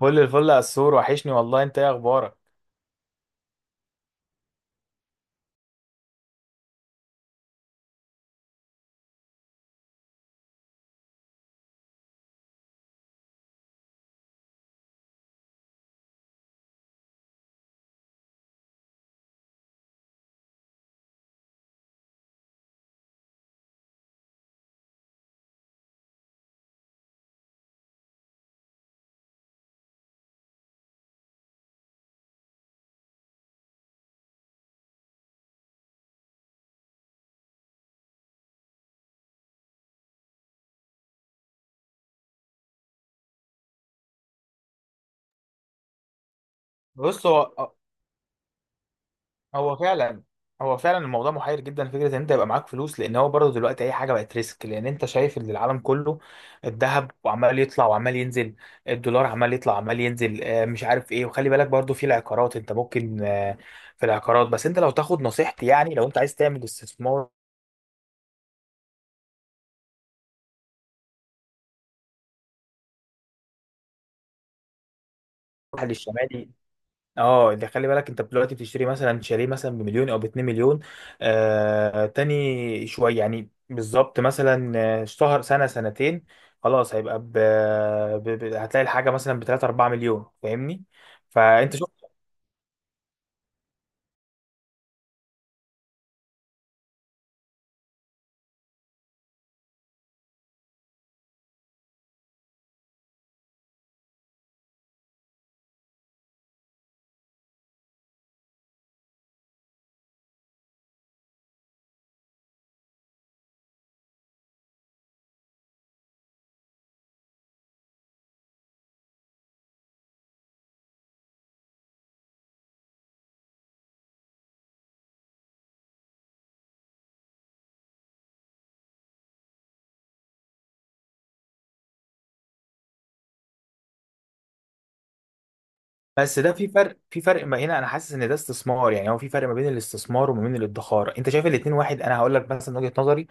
فل الفل يا السور، وحشني والله. انت ايه اخبارك؟ بص، هو فعلا هو فعلا الموضوع محير جدا. فكره ان انت يبقى معاك فلوس، لان هو برضه دلوقتي اي حاجه بقت ريسك، لان انت شايف ان العالم كله، الذهب وعمال يطلع وعمال ينزل، الدولار عمال يطلع وعمال ينزل، مش عارف ايه. وخلي بالك برضه في العقارات، انت ممكن في العقارات. بس انت لو تاخد نصيحتي، يعني لو انت عايز تعمل استثمار للشمالي. اه اللي خلي بالك، انت دلوقتي بتشتري مثلا شاليه مثلا بمليون او باتنين مليون، تاني شويه، يعني بالظبط مثلا شهر، سنه، سنتين. خلاص، هيبقى هتلاقي الحاجه مثلا ب 3 4 مليون، فاهمني؟ فانت شوف. بس ده في فرق ما هنا، انا حاسس ان ده استثمار. يعني هو في فرق ما بين الاستثمار وما بين الادخار. انت شايف الاتنين واحد؟ انا هقول لك مثلا وجهه نظري.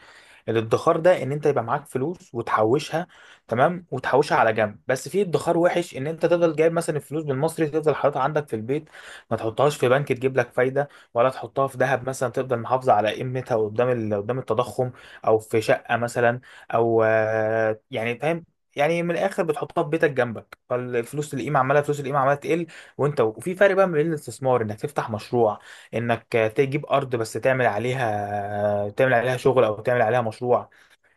الادخار ده ان انت يبقى معاك فلوس وتحوشها، تمام، وتحوشها على جنب. بس في ادخار وحش، ان انت تفضل جايب مثلا الفلوس بالمصري تفضل حاططها عندك في البيت، ما تحطهاش في بنك تجيب لك فايده، ولا تحطها في ذهب مثلا تفضل محافظه على قيمتها قدام قدام التضخم، او في شقه مثلا، او يعني فاهم؟ يعني من الاخر بتحطها في بيتك جنبك، فالفلوس القيمه عماله فلوس القيمه عماله تقل. وانت وفي فرق بقى ما بين الاستثمار، انك تفتح مشروع، انك تجيب ارض بس تعمل عليها شغل او تعمل عليها مشروع،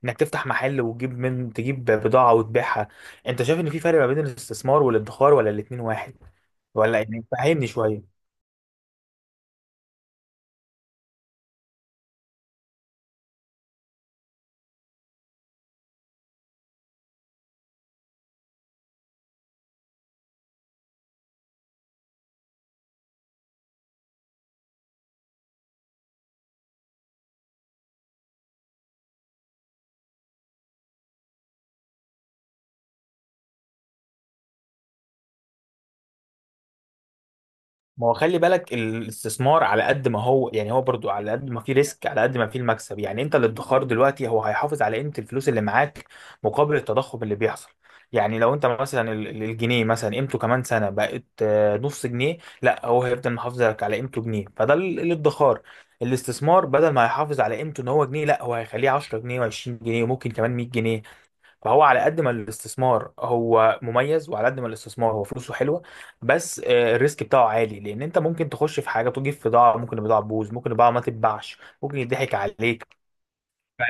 انك تفتح محل وتجيب من تجيب بضاعة وتبيعها. انت شايف ان في فرق ما بين الاستثمار والادخار، ولا الاتنين واحد؟ ولا يعني، فهمني شوية. ما هو خلي بالك الاستثمار على قد ما هو، يعني هو برضو على قد ما فيه ريسك على قد ما فيه المكسب. يعني انت الادخار دلوقتي هو هيحافظ على قيمة الفلوس اللي معاك مقابل التضخم اللي بيحصل. يعني لو انت مثلا الجنيه مثلا قيمته كمان سنة بقت نص جنيه، لا، هو هيفضل محافظ لك على قيمته جنيه، فده الادخار. الاستثمار بدل ما هيحافظ على قيمته ان هو جنيه، لا، هو هيخليه 10 جنيه و20 جنيه وممكن كمان 100 جنيه. فهو على قد ما الاستثمار هو مميز، وعلى قد ما الاستثمار هو فلوسه حلوه. بس الريسك بتاعه عالي، لان انت ممكن تخش في حاجه تجيب في ضاع. ممكن البضاعه تبوظ، ممكن البضاعه ما تتباعش، ممكن يضحك عليك. ف-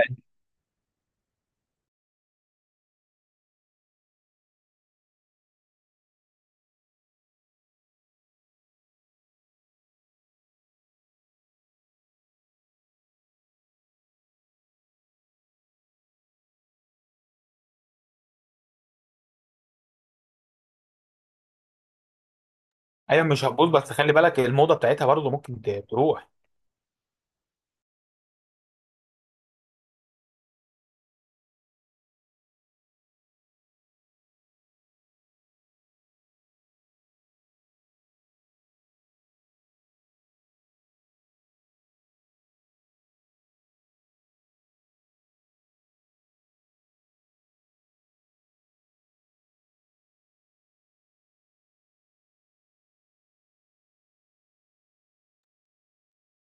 ايوه، مش هتبوظ. بس خلي بالك الموضه بتاعتها برضه ممكن تروح.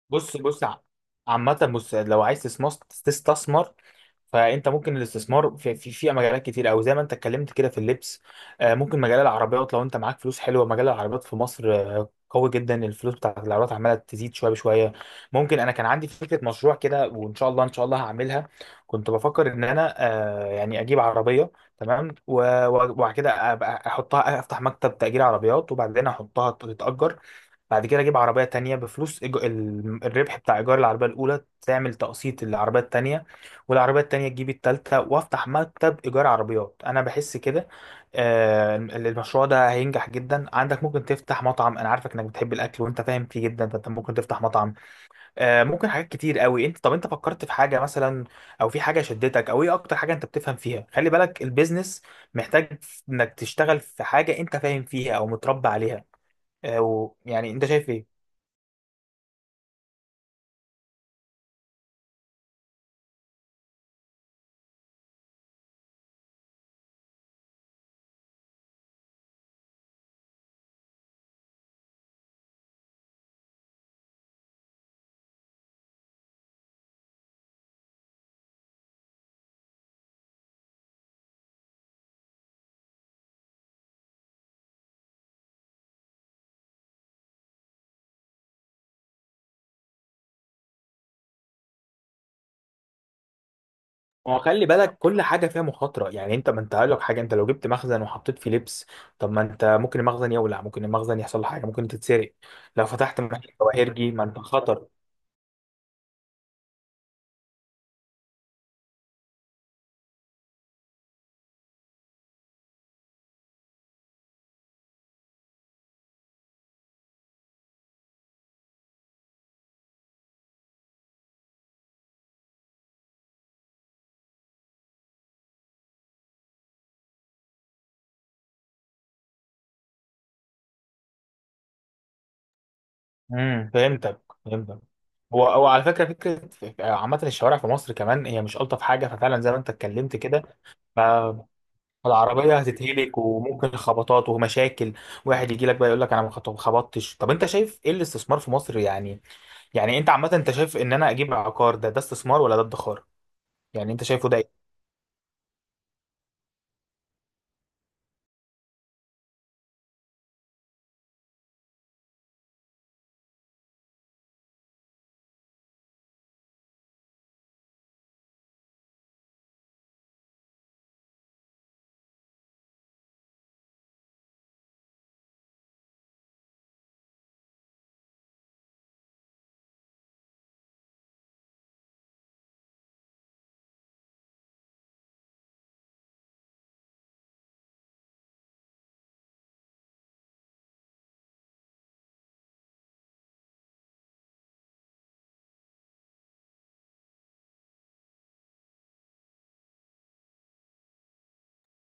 بص، بص، عامة، بص، لو عايز تستثمر، فانت ممكن الاستثمار في مجالات كتير، او زي ما انت اتكلمت كده في اللبس. ممكن مجال العربيات، لو انت معاك فلوس حلوه مجال العربيات في مصر قوي جدا. الفلوس بتاعت العربيات عماله تزيد شويه بشويه. ممكن، انا كان عندي فكره مشروع كده، وان شاء الله ان شاء الله هعملها. كنت بفكر ان انا يعني اجيب عربيه، تمام، وبعد كده ابقى احطها افتح مكتب تأجير عربيات وبعدين احطها تتأجر. بعد كده اجيب عربيه تانية بفلوس الربح بتاع ايجار العربيه الاولى تعمل تقسيط للعربيه التانية، والعربيه التانية تجيب التالتة، وافتح مكتب ايجار عربيات. انا بحس كده المشروع ده هينجح جدا. عندك ممكن تفتح مطعم، انا عارفك انك بتحب الاكل وانت فاهم فيه جدا، فانت ممكن تفتح مطعم. ممكن حاجات كتير قوي. انت، طب انت فكرت في حاجه مثلا، او في حاجه شدتك، او ايه اكتر حاجه انت بتفهم فيها؟ خلي بالك البيزنس محتاج انك تشتغل في حاجه انت فاهم فيها او متربى عليها. يعني انت شايف ايه؟ هو خلي بالك كل حاجة فيها مخاطرة. يعني انت ما انت هقول لك حاجة، انت لو جبت مخزن وحطيت فيه لبس، طب ما انت ممكن المخزن يولع، ممكن المخزن يحصل له حاجة، ممكن تتسرق. لو فتحت محل جواهرجي، ما انت خطر. فهمتك، فهمتك. هو على فكرة، فكرة عامة الشوارع في مصر كمان هي مش ألطف حاجة، ففعلا زي ما انت اتكلمت كده، فالعربية هتتهلك وممكن خبطات ومشاكل. واحد يجي لك بقى يقول لك انا ما خبطتش. طب انت شايف ايه الاستثمار في مصر، يعني، يعني انت عامة انت شايف ان انا اجيب عقار، ده استثمار ولا ده ادخار؟ يعني انت شايفه ده ايه؟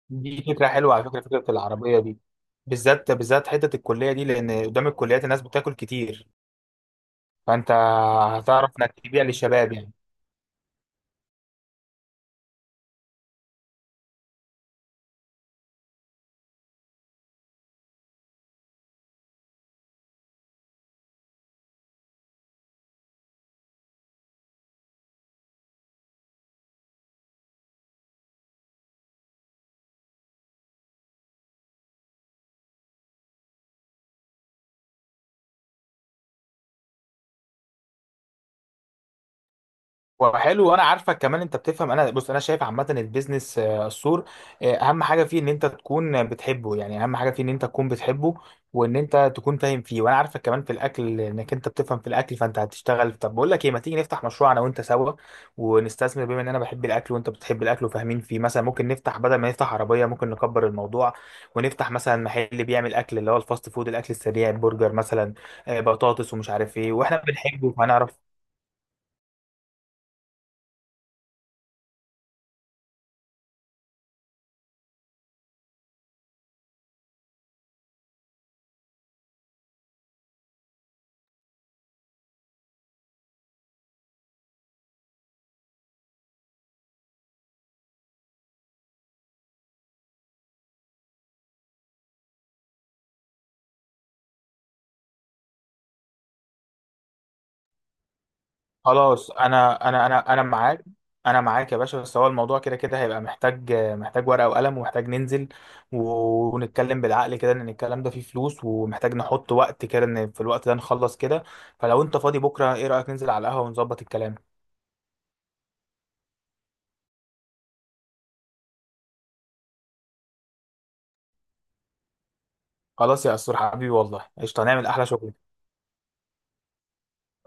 دي فكره حلوه، على فكره فكره العربيه دي بالذات، بالذات حته الكليه دي، لان قدام الكليات الناس بتاكل كتير، فانت هتعرف انك تبيع للشباب، يعني. وحلو، وانا عارفك كمان انت بتفهم. انا شايف عامه البيزنس، السور، اهم حاجه فيه ان انت تكون بتحبه، يعني اهم حاجه فيه ان انت تكون بتحبه، وان انت تكون فاهم فيه، وانا عارفك كمان في الاكل، انك انت بتفهم في الاكل، فانت هتشتغل. طب بقول لك ايه، ما تيجي نفتح مشروع انا وانت سوا ونستثمر، بما ان انا بحب الاكل وانت بتحب الاكل وفاهمين فيه، مثلا ممكن نفتح، بدل ما نفتح عربيه ممكن نكبر الموضوع، ونفتح مثلا محل بيعمل اكل اللي هو الفاست فود، الاكل السريع، برجر مثلا، بطاطس، ومش عارف ايه، واحنا بنحبه فهنعرف. خلاص، انا معاك. انا معاك يا باشا. بس هو الموضوع كده كده هيبقى محتاج ورقه وقلم، ومحتاج ننزل ونتكلم بالعقل كده، ان الكلام ده فيه فلوس ومحتاج نحط وقت كده ان في الوقت ده نخلص كده. فلو انت فاضي بكره، ايه رايك ننزل على القهوه ونظبط الكلام؟ خلاص يا اسطور حبيبي، والله قشطه، هنعمل احلى شغل.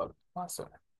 يلا، مع السلامه.